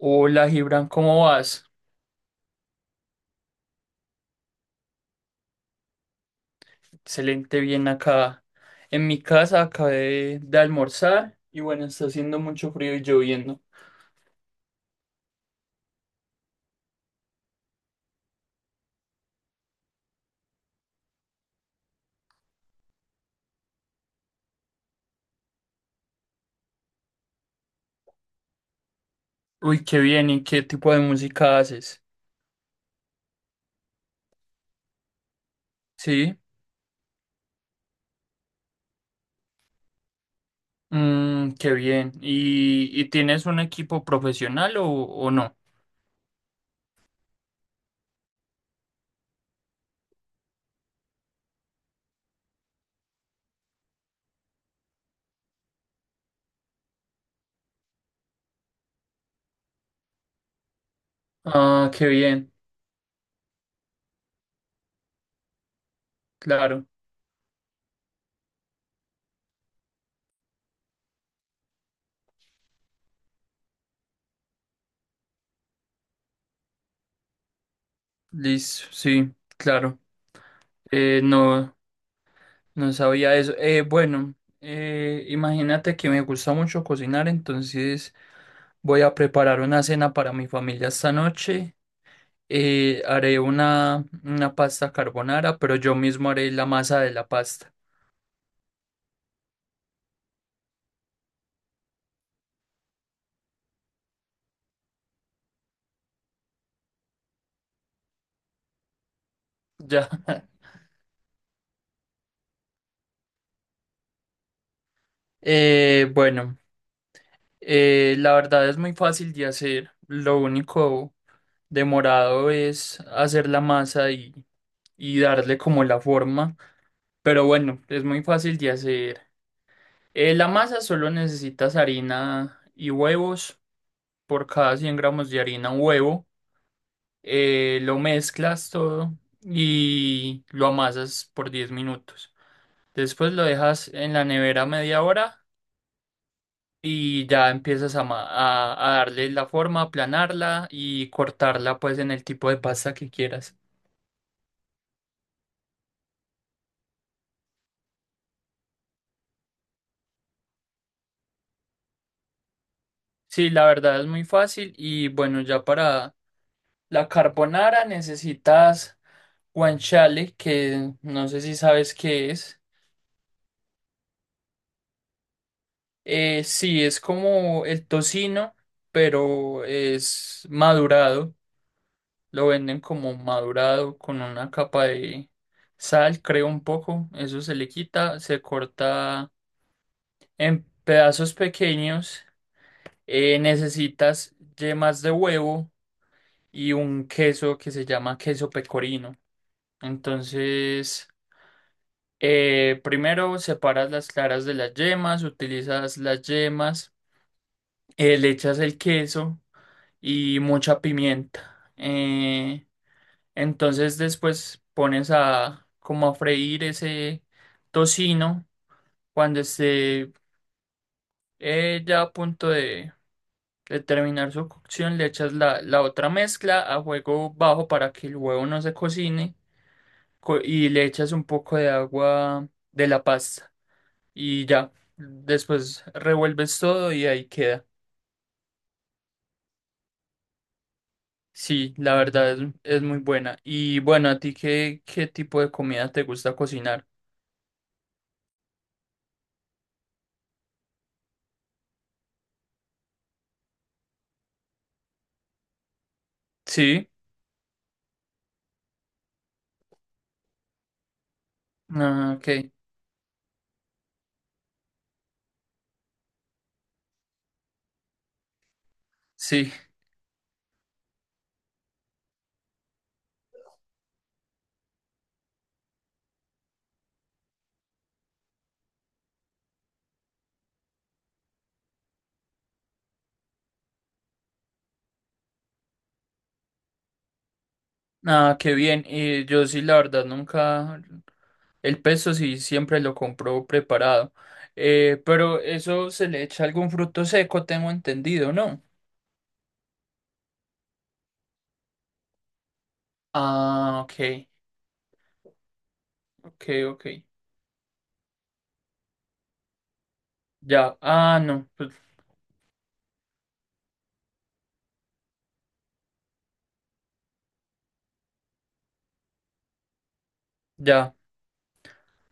Hola Gibran, ¿cómo vas? Excelente, bien acá. En mi casa almorzar y bueno, está haciendo mucho frío y lloviendo. Uy, qué bien, ¿y qué tipo de música haces? Sí, mm, qué bien. ¿Y tienes un equipo profesional o no? Ah, qué bien, claro. Listo, sí, claro. No, no sabía eso. Bueno, imagínate que me gusta mucho cocinar, entonces... Voy a preparar una cena para mi familia esta noche. Haré una pasta carbonara, pero yo mismo haré la masa de la pasta. Ya. Bueno, la verdad es muy fácil de hacer. Lo único demorado es hacer la masa, y darle como la forma. Pero bueno, es muy fácil de hacer. La masa solo necesitas harina y huevos. Por cada 100 gramos de harina, un huevo. Lo mezclas todo y lo amasas por 10 minutos. Después lo dejas en la nevera media hora y ya empiezas a darle la forma, aplanarla y cortarla pues en el tipo de pasta que quieras. Sí, la verdad es muy fácil y bueno, ya para la carbonara necesitas guanciale, que no sé si sabes qué es. Sí, es como el tocino, pero es madurado. Lo venden como madurado con una capa de sal, creo un poco. Eso se le quita, se corta en pedazos pequeños. Necesitas yemas de huevo y un queso que se llama queso pecorino. Entonces, primero separas las claras de las yemas, utilizas las yemas, le echas el queso y mucha pimienta. Entonces después pones a como a freír ese tocino. Cuando esté ya a punto de terminar su cocción, le echas la otra mezcla a fuego bajo para que el huevo no se cocine y le echas un poco de agua de la pasta y ya. Después revuelves todo y ahí queda. Sí, la verdad es muy buena. Y bueno, ¿a ti qué tipo de comida te gusta cocinar? Sí. Ah, ok. Sí. Ah, qué bien. Y yo sí, la verdad, nunca. El pesto sí siempre lo compro preparado. Pero eso se le echa algún fruto seco, tengo entendido, ¿no? Ah, ok, ok, ok. Ya, ah, no, pues ya,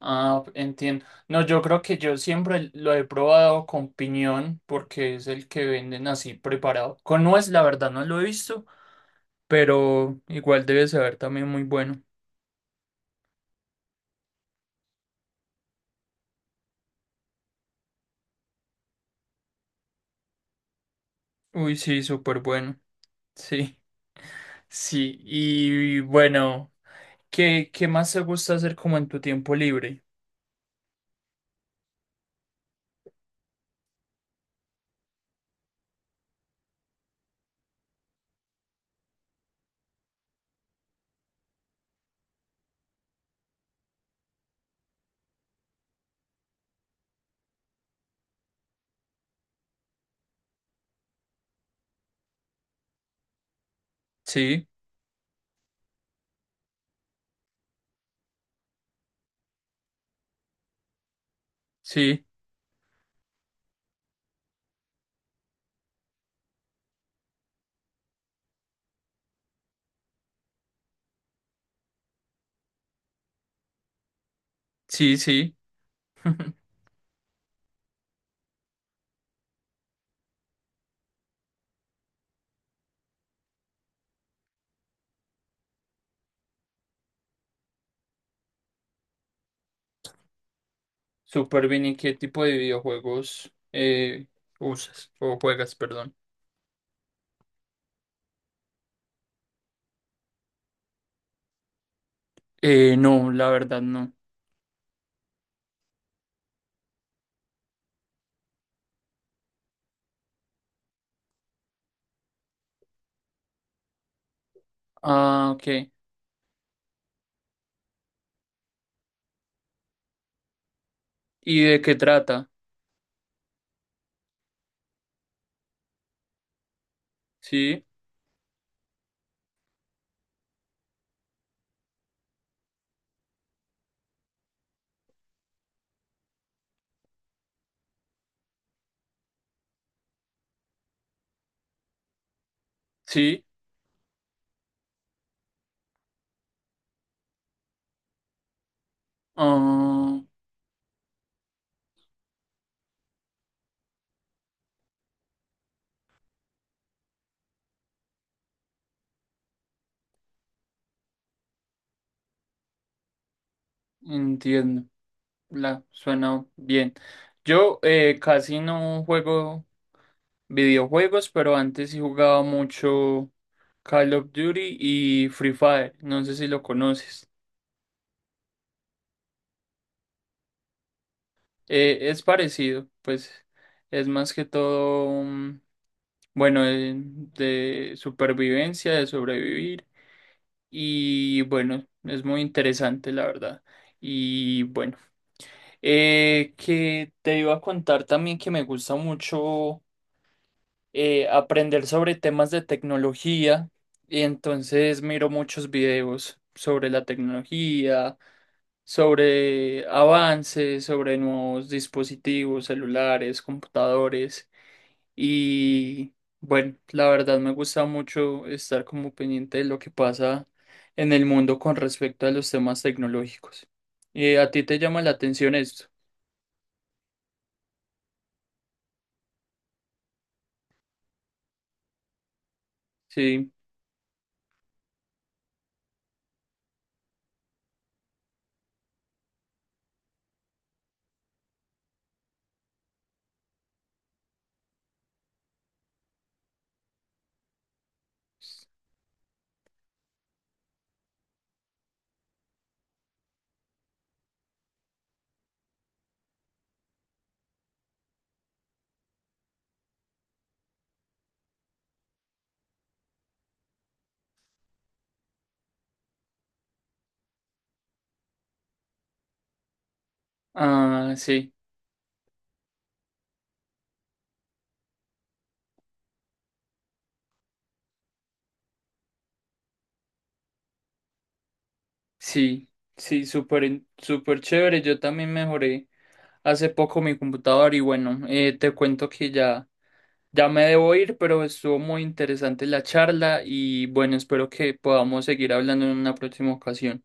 ah, entiendo. No, yo creo que yo siempre lo he probado con piñón, porque es el que venden así preparado. Con nuez, la verdad, no lo he visto, pero igual debe saber también muy bueno. Uy, sí, súper bueno, sí. Sí, y bueno, qué más te gusta hacer como en tu tiempo libre? Sí, sí, sí, sí. Súper bien, ¿y qué tipo de videojuegos usas o juegas, perdón? No, la verdad no. Ah, ok. ¿Y de qué trata? Sí, sí. Ah, entiendo. La, suena bien. Yo casi no juego videojuegos, pero antes sí jugaba mucho Call of Duty y Free Fire. No sé si lo conoces. Es parecido, pues es más que todo, mm, bueno, de supervivencia, de sobrevivir. Y bueno, es muy interesante, la verdad. Y bueno, que te iba a contar también que me gusta mucho. Aprender sobre temas de tecnología y entonces miro muchos videos sobre la tecnología, sobre avances, sobre nuevos dispositivos, celulares, computadores y bueno, la verdad me gusta mucho estar como pendiente de lo que pasa en el mundo con respecto a los temas tecnológicos. ¿Y a ti te llama la atención esto? Sí. Ah, sí. Sí, sí, súper, súper chévere. Yo también mejoré hace poco mi computador y bueno, te cuento que ya, ya me debo ir, pero estuvo muy interesante la charla y bueno, espero que podamos seguir hablando en una próxima ocasión.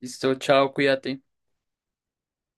Listo, chao, cuídate.